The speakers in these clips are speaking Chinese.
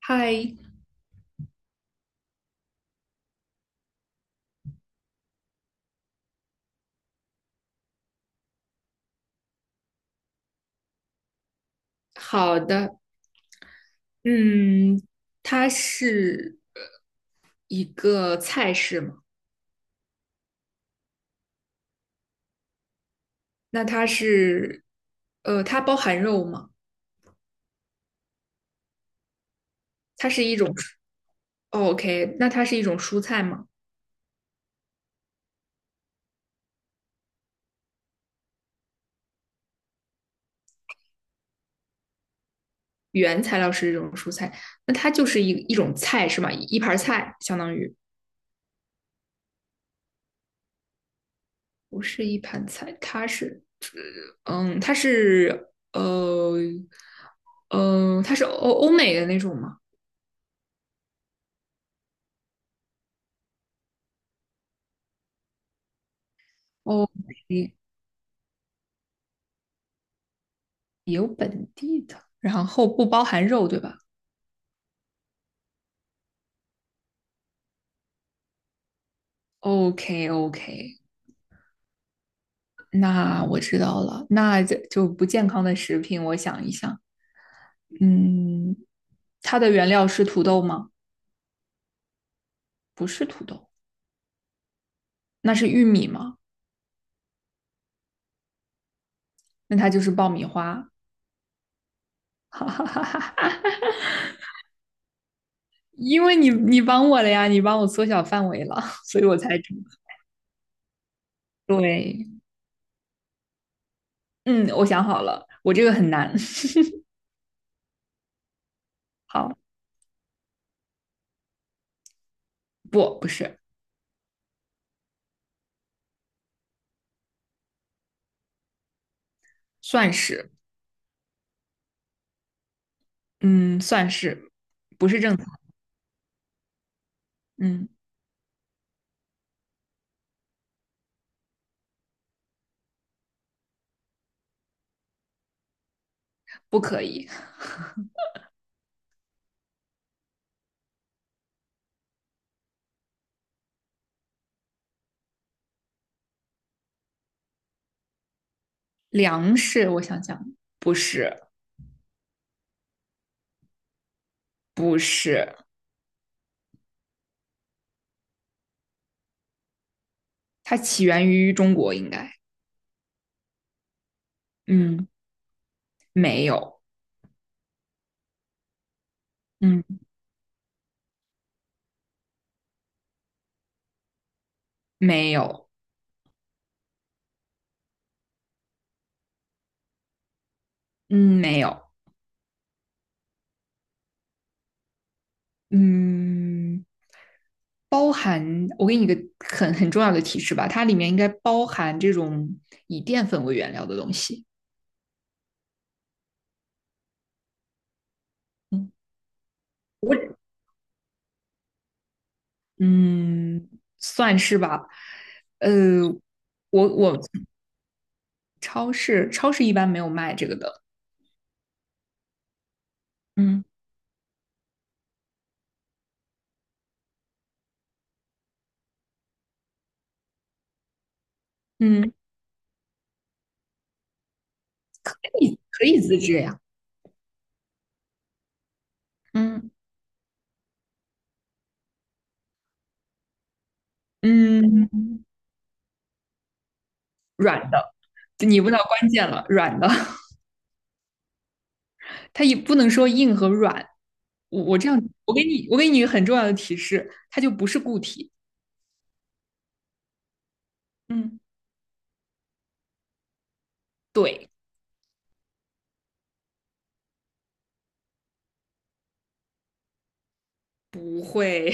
嗨。好的。嗯，它是一个菜式嘛？那它是，它包含肉吗？它是一种蔬哦，OK,那它是一种蔬菜吗？原材料是一种蔬菜。那它就是一种菜是吗？一盘儿菜相当于不是一盘菜，它是，嗯，它是，呃，它是欧美的那种吗？哦，有本地的，然后不包含肉，对吧？OK OK,那我知道了。那这就不健康的食品，我想一想，嗯，它的原料是土豆吗？不是土豆。那是玉米吗？那它就是爆米花。哈哈哈哈哈！哈因为你帮我了呀，你帮我缩小范围了，所以我才知道。对。嗯，我想好了，我这个很难。好。不，不是。算是。嗯，算是，不是正餐。嗯，不可以。粮食，我想想，不是。不是。它起源于中国，应该。嗯，没有。嗯，没有。嗯，没有。嗯，包含，我给你一个很重要的提示吧，它里面应该包含这种以淀粉为原料的东西。嗯。嗯算是吧。呃，我我超市一般没有卖这个的。嗯。嗯，可以自制呀。嗯。嗯，软的。你问到关键了，软的。它也不能说硬和软。我这样，我给你一个很重要的提示，它就不是固体。嗯。对。不会。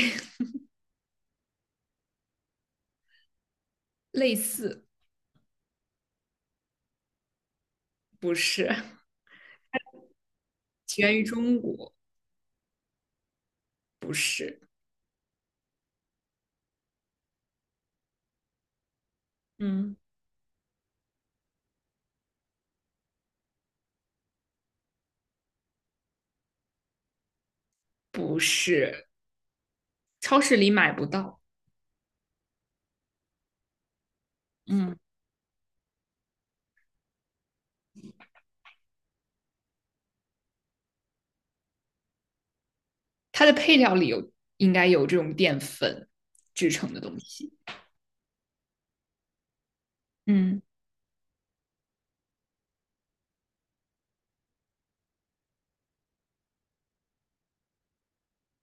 类似。不是。起源于中国。不是。嗯不是。超市里买不到。嗯，它的配料里有，应该有这种淀粉制成的东西。嗯，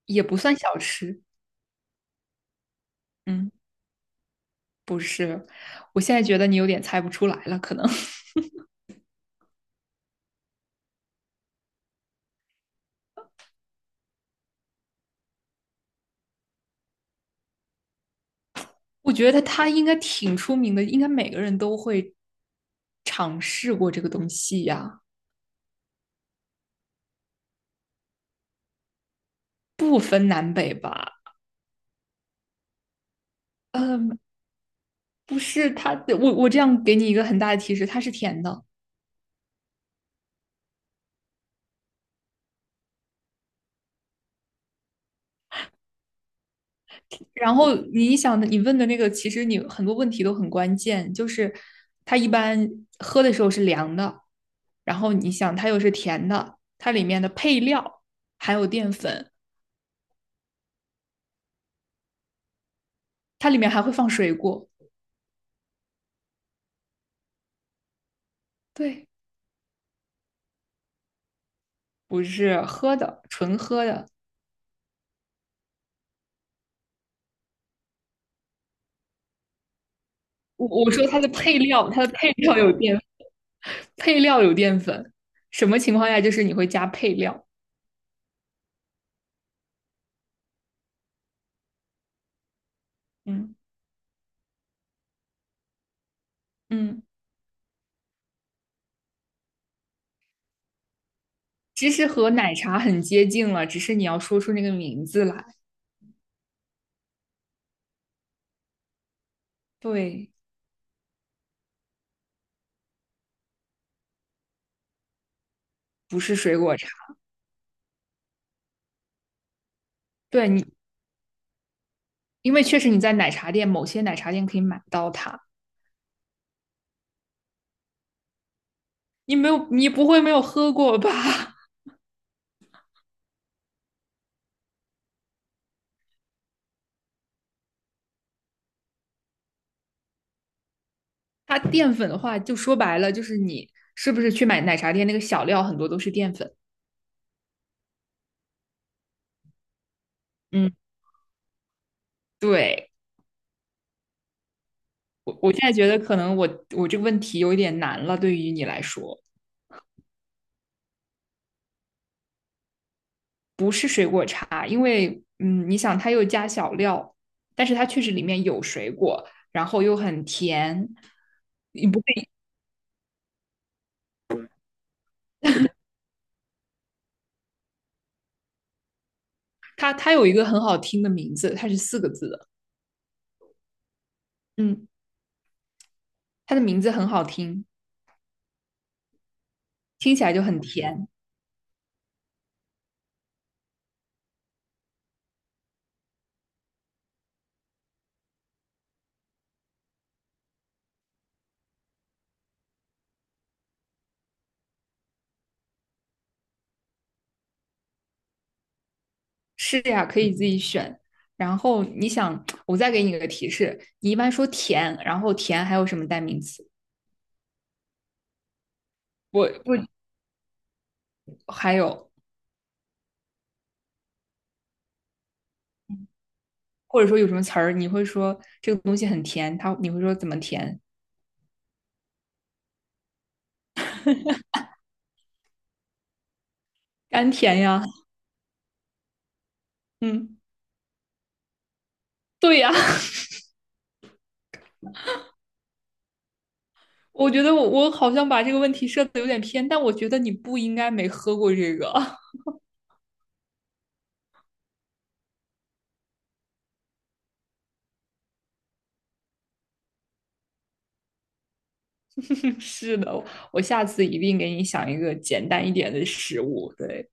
也不算小吃。嗯。不是。我现在觉得你有点猜不出来了，可能。我觉得他应该挺出名的，应该每个人都会尝试过这个东西呀。不分南北吧？嗯。不是它，我这样给你一个很大的提示，它是甜的。然后你想的，你问的那个，其实你很多问题都很关键，就是它一般喝的时候是凉的，然后你想它又是甜的，它里面的配料还有淀粉，它里面还会放水果。对。不是喝的，纯喝的。我说它的配料，它的配料有淀粉。配料有淀粉，什么情况下就是你会加配料？嗯。嗯，其实和奶茶很接近了，只是你要说出那个名字来。对。不是水果茶。对你，因为确实你在奶茶店，某些奶茶店可以买到它。你没有，你不会没有喝过吧？它淀粉的话，就说白了就是你是不是去买奶茶店那个小料很多都是淀粉？嗯，对。我现在觉得可能我这个问题有一点难了，对于你来说。不是水果茶，因为嗯，你想它又加小料，但是它确实里面有水果，然后又很甜。你不会，它有一个很好听的名字，它是四个字的。嗯，它的名字很好听，听起来就很甜。是呀，可以自己选。然后你想，我再给你一个提示，你一般说甜，然后甜还有什么代名词？我还有或者说有什么词儿，你会说这个东西很甜，它你会说怎么甜？甘甜呀。嗯，对呀。我觉得我好像把这个问题设的有点偏，但我觉得你不应该没喝过这个。是的，我下次一定给你想一个简单一点的食物。对。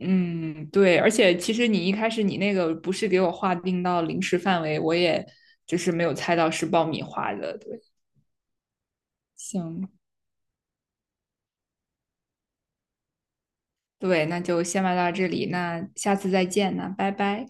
嗯，对，而且其实你一开始你那个不是给我划定到零食范围，我也就是没有猜到是爆米花的。对，行，对，那就先玩到这里，那下次再见，那拜拜。